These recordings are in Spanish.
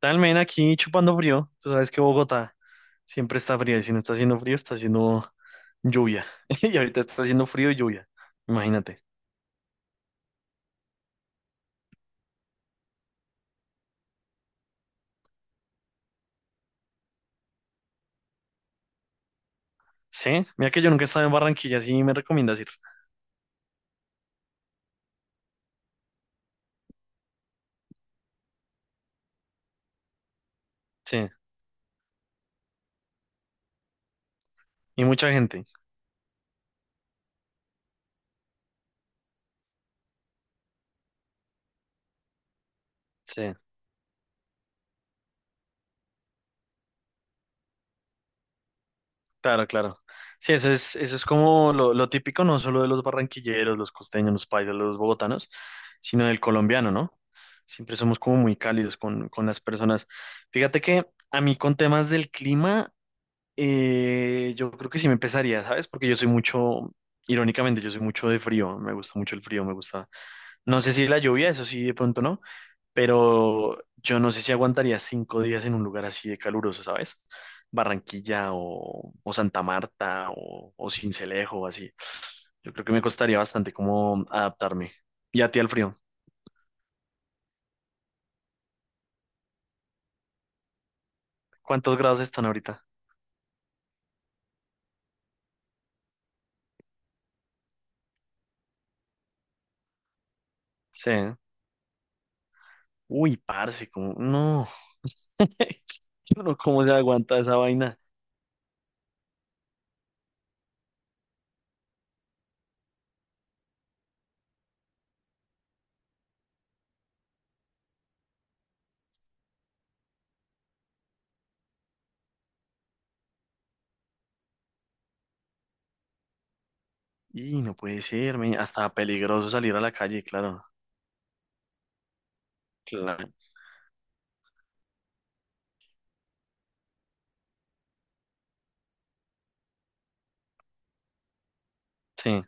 Tal men aquí chupando frío. Tú sabes que Bogotá siempre está fría y si no está haciendo frío, está haciendo lluvia. Y ahorita está haciendo frío y lluvia. Imagínate. Sí, mira que yo nunca he estado en Barranquilla, sí me recomiendas ir. Sí, y mucha gente. Sí, claro, claro. Sí, eso es como lo típico, no solo de los barranquilleros, los costeños, los paisas, los bogotanos, sino del colombiano, ¿no? Siempre somos como muy cálidos con las personas. Fíjate que a mí con temas del clima. Yo creo que sí me empezaría, ¿sabes? Porque yo soy mucho, irónicamente, yo soy mucho de frío, me gusta mucho el frío, me gusta. No sé si la lluvia, eso sí, de pronto no, pero yo no sé si aguantaría 5 días en un lugar así de caluroso, ¿sabes? Barranquilla o Santa Marta o Sincelejo o así. Yo creo que me costaría bastante como adaptarme. ¿Y a ti al frío? ¿Cuántos grados están ahorita? Sí. Uy, parce, como, no. Yo no, ¿cómo se aguanta esa vaina? Y no puede ser, men, hasta peligroso salir a la calle, claro. Claro. Sí,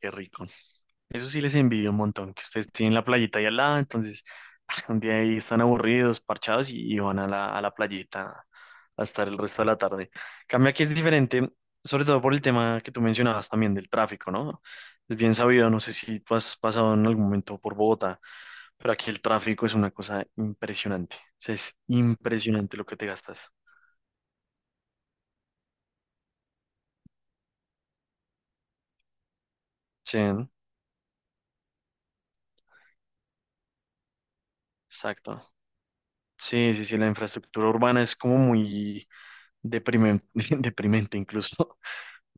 qué rico. Eso sí les envidio un montón, que ustedes tienen la playita ahí al lado, entonces un día ahí están aburridos, parchados y van a la playita a estar el resto de la tarde. Cambia que es diferente, sobre todo por el tema que tú mencionabas también del tráfico, ¿no? Es bien sabido, no sé si tú has pasado en algún momento por Bogotá, pero aquí el tráfico es una cosa impresionante. O sea, es impresionante lo que te gastas. Sí, ¿no? Exacto. Sí, sí, sí, la infraestructura urbana es como muy deprimente, deprimente incluso,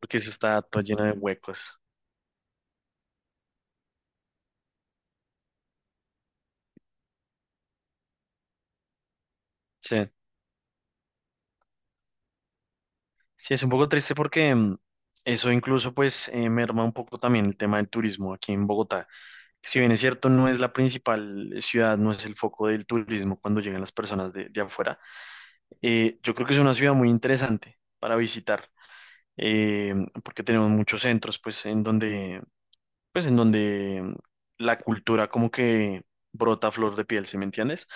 porque eso está todo lleno de huecos. Sí, sí, es un poco triste porque eso incluso pues merma un poco también el tema del turismo aquí en Bogotá. Si bien es cierto, no es la principal ciudad, no es el foco del turismo cuando llegan las personas de afuera. Yo creo que es una ciudad muy interesante para visitar, eh, porque tenemos muchos centros, pues, en donde la cultura como que brota a flor de piel, ¿sí me entiendes?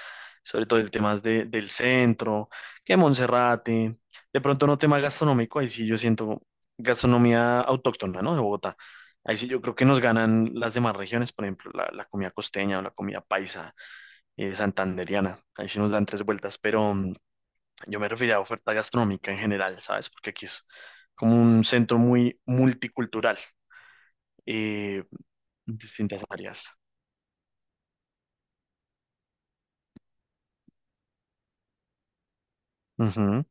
Sobre todo el tema del centro, que Monserrate, de pronto no tema gastronómico, ahí sí yo siento gastronomía autóctona, ¿no? De Bogotá. Ahí sí yo creo que nos ganan las demás regiones, por ejemplo, la comida costeña o la comida paisa, santandereana, ahí sí nos dan tres vueltas, pero yo me refería a oferta gastronómica en general, ¿sabes? Porque aquí es como un centro muy multicultural, eh, en distintas áreas. Ujú.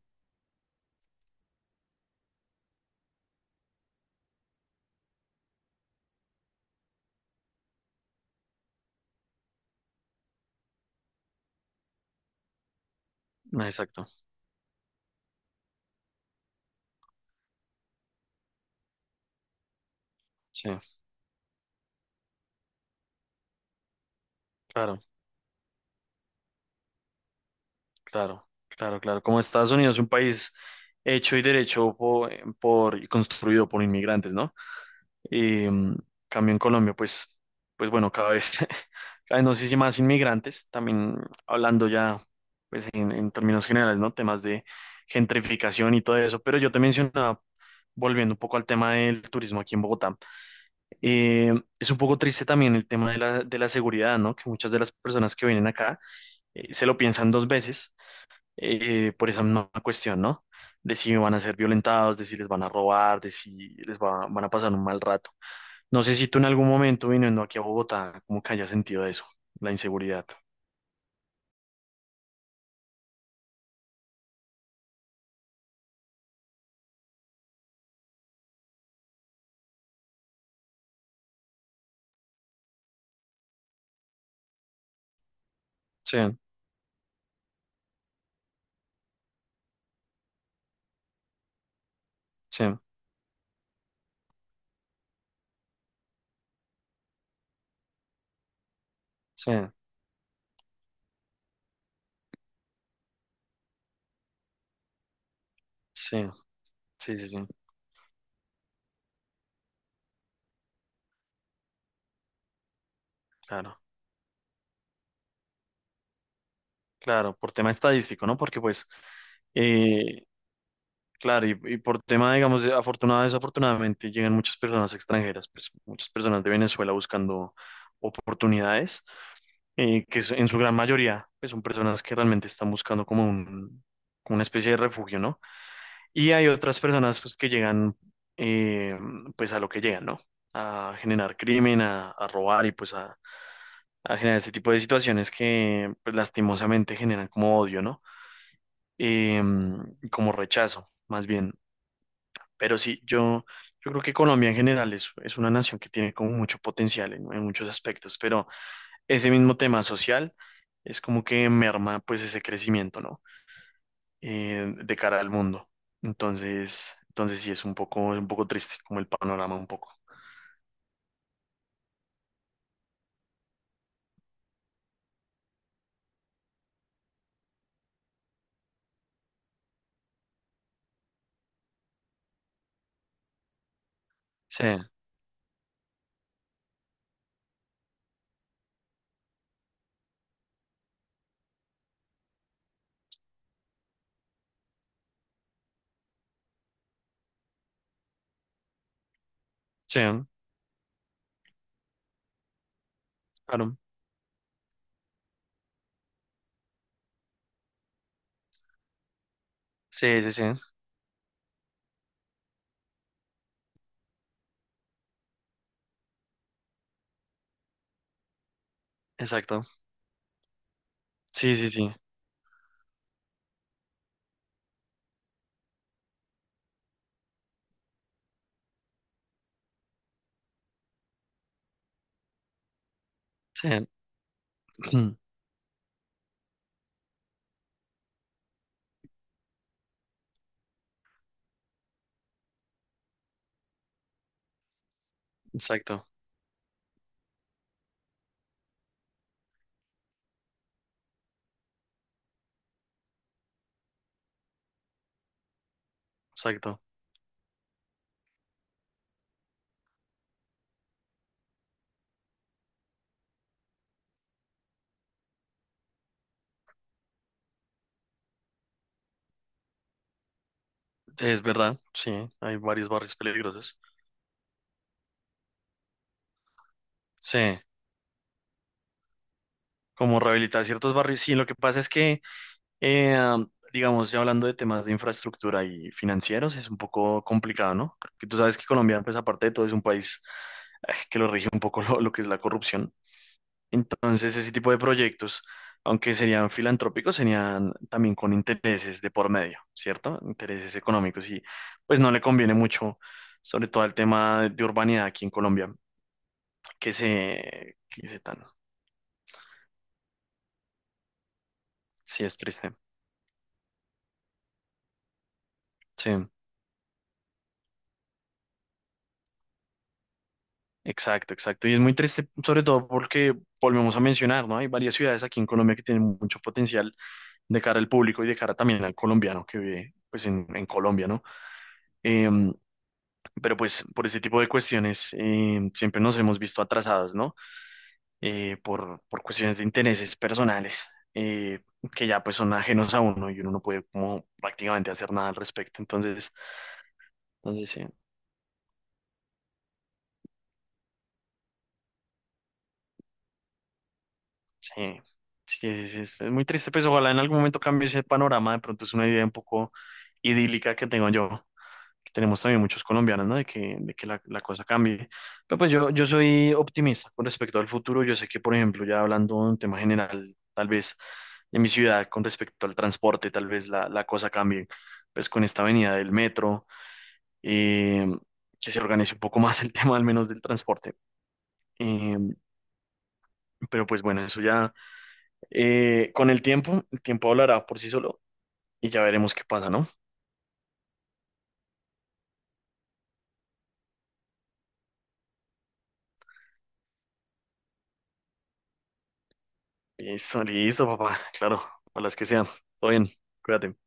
Exacto, sí, claro, claro, claro, claro. Como Estados Unidos es un país hecho y derecho por, y construido por inmigrantes, ¿no? Y cambio en Colombia, pues bueno, cada vez, cada vez no sé si más inmigrantes, también hablando ya, pues en términos generales, ¿no? Temas de gentrificación y todo eso. Pero yo te mencionaba, volviendo un poco al tema del turismo aquí en Bogotá, eh, es un poco triste también el tema de la seguridad, ¿no? Que muchas de las personas que vienen acá se lo piensan dos veces por esa misma cuestión, ¿no? De si van a ser violentados, de si les van a robar, de si van a pasar un mal rato. No sé si tú en algún momento viniendo aquí a Bogotá, como que hayas sentido eso, la inseguridad. Sí, sí, sí, sí, sí, sí, sí, claro, claro, por tema estadístico, ¿no? Porque pues, eh, claro, y por tema, digamos, desafortunadamente, llegan muchas personas extranjeras, pues muchas personas de Venezuela buscando oportunidades en su gran mayoría pues, son personas que realmente están buscando como una especie de refugio, ¿no? Y hay otras personas pues, que llegan eh, pues a lo que llegan, ¿no? A generar crimen, a robar y pues a generar este tipo de situaciones que pues, lastimosamente generan como odio, ¿no? Eh, y como rechazo, más bien. Pero sí, yo creo que Colombia en general es una nación que tiene como mucho potencial en muchos aspectos, pero ese mismo tema social es como que merma pues ese crecimiento, ¿no? De cara al mundo. Entonces sí es un poco triste como el panorama un poco. Sí, sí, claro. Sí, sí, sí, exacto. Sí, sí, sí, sí, exacto, exacto. Es verdad, sí, hay varios barrios peligrosos. Sí, como rehabilitar ciertos barrios. Sí, lo que pasa es que Eh, digamos, ya hablando de temas de infraestructura y financieros, es un poco complicado, ¿no? Porque tú sabes que Colombia, pues aparte de todo, es un país que lo rige un poco lo que es la corrupción. Entonces, ese tipo de proyectos, aunque serían filantrópicos, serían también con intereses de por medio, ¿cierto? Intereses económicos y pues no le conviene mucho, sobre todo el tema de urbanidad aquí en Colombia, que se tan, sí es triste, sí. Exacto, exacto. Y es muy triste, sobre todo porque volvemos a mencionar, ¿no? Hay varias ciudades aquí en Colombia que tienen mucho potencial de cara al público y de cara también al colombiano que vive, pues, en Colombia, ¿no? Em, pero pues por ese tipo de cuestiones siempre nos hemos visto atrasados, ¿no? Por cuestiones de intereses personales que ya pues son ajenos a uno y uno no puede como prácticamente hacer nada al respecto. Entonces sí. Sí, sí, sí, sí, es muy triste, pues ojalá en algún momento cambie ese panorama, de pronto es una idea un poco idílica que tengo yo, que tenemos también muchos colombianos, ¿no? De que la cosa cambie. Pero pues yo soy optimista con respecto al futuro, yo sé que, por ejemplo, ya hablando de un tema general, tal vez de mi ciudad, con respecto al transporte, tal vez la cosa cambie, pues con esta avenida del metro, eh, que se organice un poco más el tema al menos del transporte. Eh, pero pues bueno, eso ya... Con el tiempo hablará por sí solo y ya veremos qué pasa, ¿no? Listo, listo, papá. Claro, a las que sean. Todo bien, cuídate.